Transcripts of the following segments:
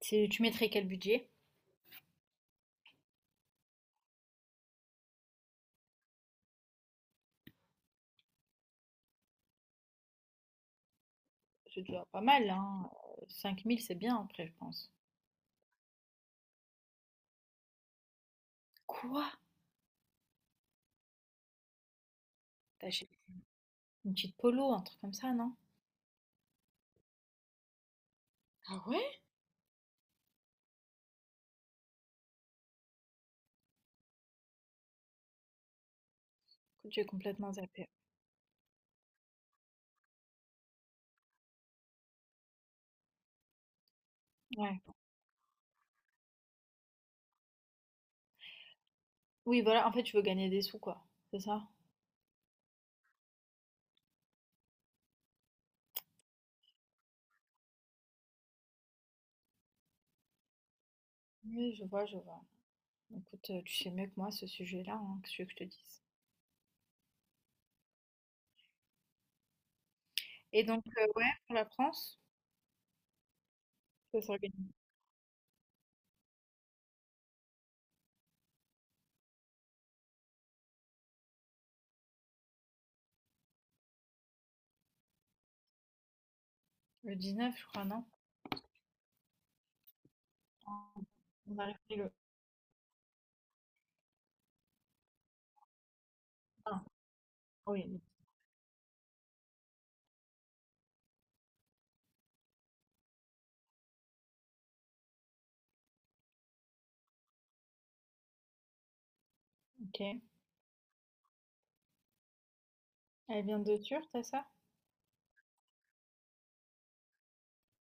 Tu mettrais quel budget? C'est déjà pas mal, hein. 5000, c'est bien après, je pense. Quoi? T'achètes- Une petite polo, un truc comme ça, non? Ah ouais? Écoute, j'ai complètement zappé. Ouais. Oui, voilà, en fait, tu veux gagner des sous, quoi. C'est ça? Oui, je vois, je vois. Écoute, tu sais mieux que moi ce sujet-là, hein, que ce que je te dise. Et donc, ouais, pour la France, ça s'organise le 19, je crois, non? On arrive le un. Oui, ok. Elle vient de Turc, t'as ça?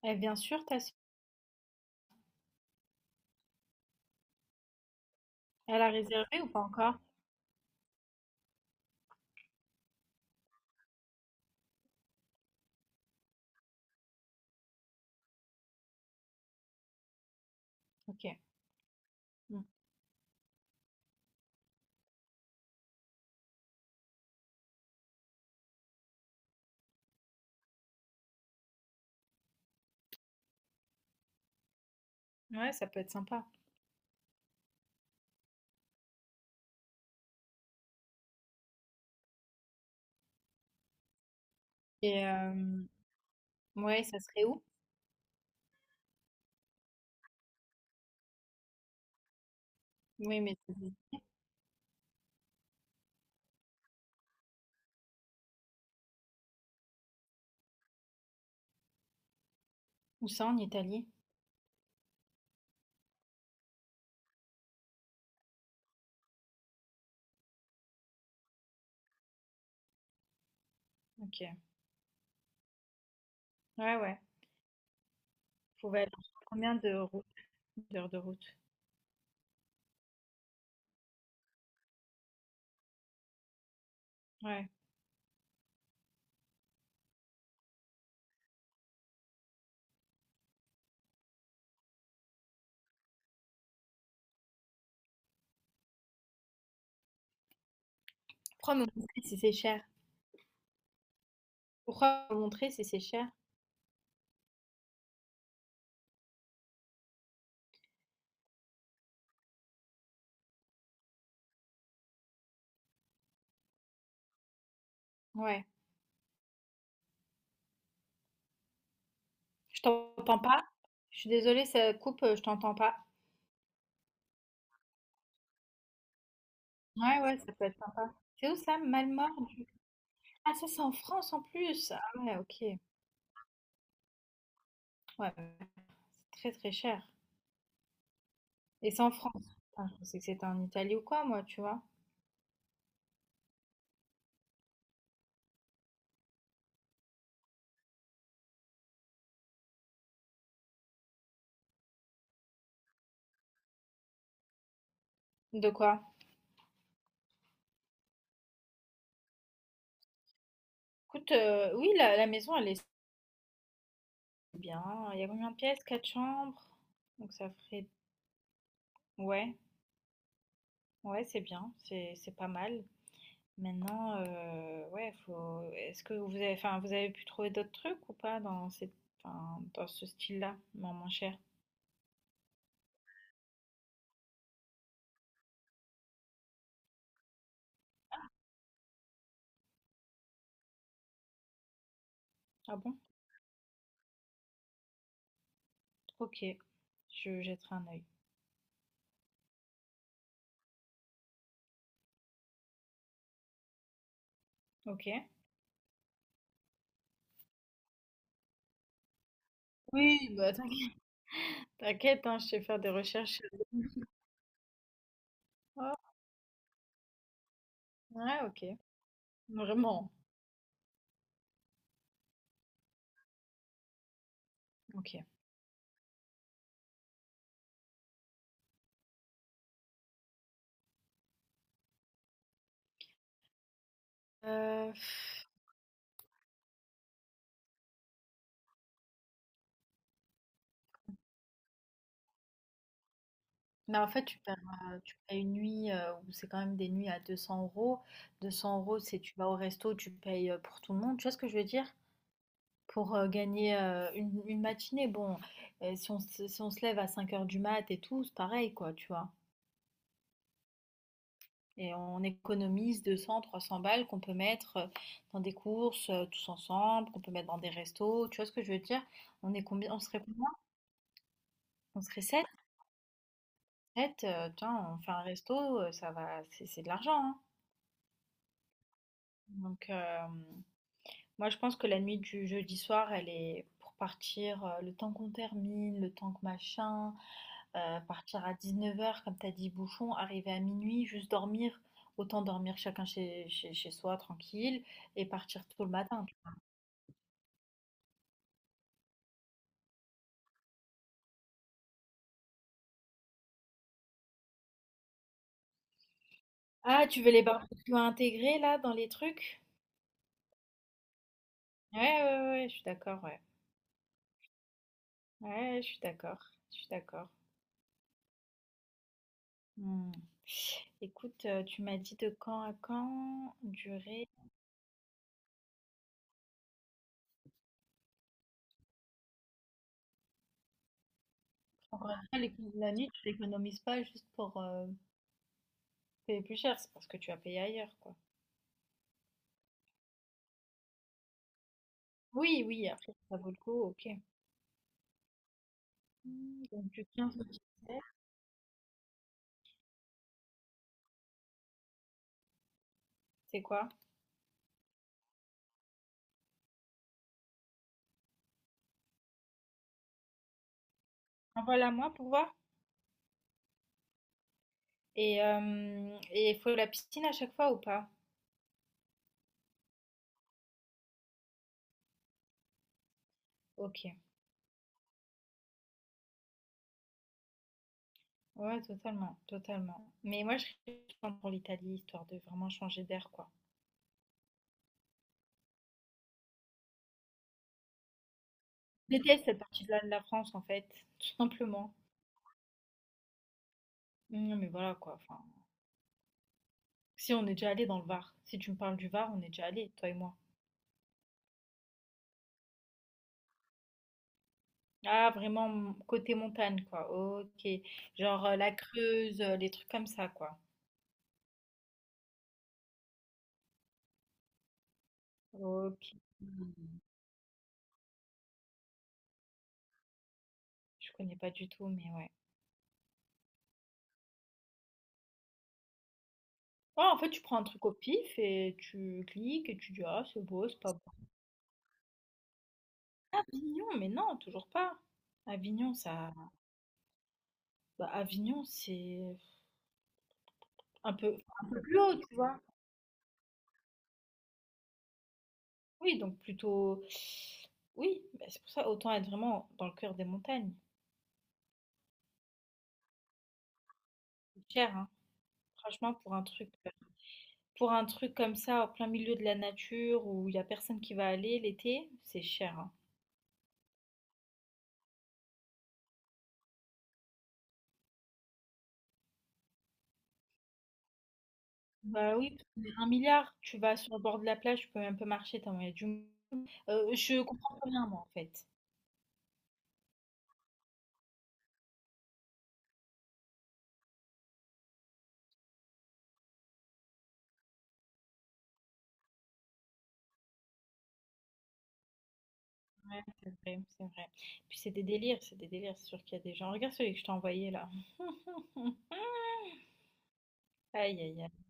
Elle vient sur, t'as ça? Elle a réservé ou pas encore? Ok. Mm. Ouais, ça peut être sympa. Et ouais, ça serait où? Oui, mais où ça en Italie? Ok. Ouais, ouais. Faut aller combien de route, d'heures de route? Ouais. Pourquoi me montrer si c'est cher? Pourquoi me montrer si c'est cher? Ouais. Je t'entends pas. Je suis désolée, ça coupe, je t'entends pas. Ouais, ouais, ça peut être sympa. C'est où ça, Malmort? Ah, ça, c'est en France en plus. Ah ouais, ok. Ouais, ouais, c'est très très cher. Et c'est en France. Putain, je pensais que c'était en Italie ou quoi, moi, tu vois? De quoi? Écoute, oui, la maison, elle est c'est bien. Il y a combien de pièces? Quatre chambres. Donc ça ferait... Ouais, ouais, c'est bien. C'est pas mal. Maintenant, ouais, faut... Est-ce que vous avez... Enfin, vous avez pu trouver d'autres trucs ou pas dans cette... enfin, dans ce style-là, moins moins cher? Ah bon? Ok. Je jetterai un œil. Ok. Oui, bah t'inquiète, t'inquiète, hein, je sais faire des recherches. Oh, ouais, ok. Vraiment. Ok. Euh, Mais en fait, tu perds, tu payes une nuit, où c'est quand même des nuits à 200 €. 200 € deux cents euros, c'est tu vas au resto, tu payes, pour tout le monde. Tu vois ce que je veux dire? Pour, gagner, une matinée, bon, si on se lève à 5 heures du mat et tout, c'est pareil quoi, tu vois? Et on économise 200-300 balles qu'on peut mettre, dans des courses, tous ensemble, qu'on peut mettre dans des restos. Tu vois ce que je veux dire? On serait combien? On serait sept tiens, on fait un resto, ça va c'est de l'argent, hein. Donc, hem Moi, je pense que la nuit du jeudi soir, elle est pour partir le temps qu'on termine, le temps que machin, partir à 19 heures comme t'as dit, bouchon, arriver à minuit, juste dormir, autant dormir chacun chez soi, tranquille, et partir tôt le matin. Ah, tu veux les barbecues à intégrer là dans les trucs? Ouais, ouais, ouais, ouais, je suis d'accord, ouais. Ouais, je suis d'accord, je suis d'accord. Hmm. Écoute, tu m'as dit de quand à quand durer. Encore une fois, la nuit, tu l'économises pas juste pour, c'est plus cher, c'est parce que tu as payé ailleurs, quoi. Oui, oui, après, si ça vaut le coup, ok. Hmm. Donc, du 15 au 17, c'est quoi? Envoie-la moi pour voir. Et il faut la piscine à chaque fois ou pas? Ok. Ouais, totalement, totalement. Mais moi, je serais contente pour l'Italie, histoire de vraiment changer d'air, quoi. Je déteste cette partie-là de la France, en fait, tout simplement. Non, mais voilà, quoi. Enfin, si on est déjà allé dans le Var. Si tu me parles du Var, on est déjà allé, toi et moi. Ah, vraiment, côté montagne, quoi. Ok. Genre la Creuse, les trucs comme ça, quoi. Ok. Hmm. Je connais pas du tout, mais ouais. Ouais, en fait, tu prends un truc au pif et tu cliques et tu dis, ah, c'est beau, c'est pas beau. Avignon, mais non, toujours pas. Avignon, ça. Bah, Avignon, c'est un peu, un peu plus haut, tu vois. Oui, donc plutôt. Oui, bah, c'est pour ça, autant être vraiment dans le cœur des montagnes. C'est cher, hein. Franchement, pour un truc. Pour un truc comme ça, en plein milieu de la nature, où il y a personne qui va aller l'été, c'est cher, hein. Bah oui, parce que un milliard. Tu vas sur le bord de la plage, tu peux même pas marcher, t'as moyen du... je comprends pas bien, moi, en fait. Ouais, c'est vrai, c'est vrai. Puis c'est des délires, c'est des délires. C'est sûr qu'il y a des gens. Regarde celui que je t'ai envoyé, là. Aïe, aïe, aïe.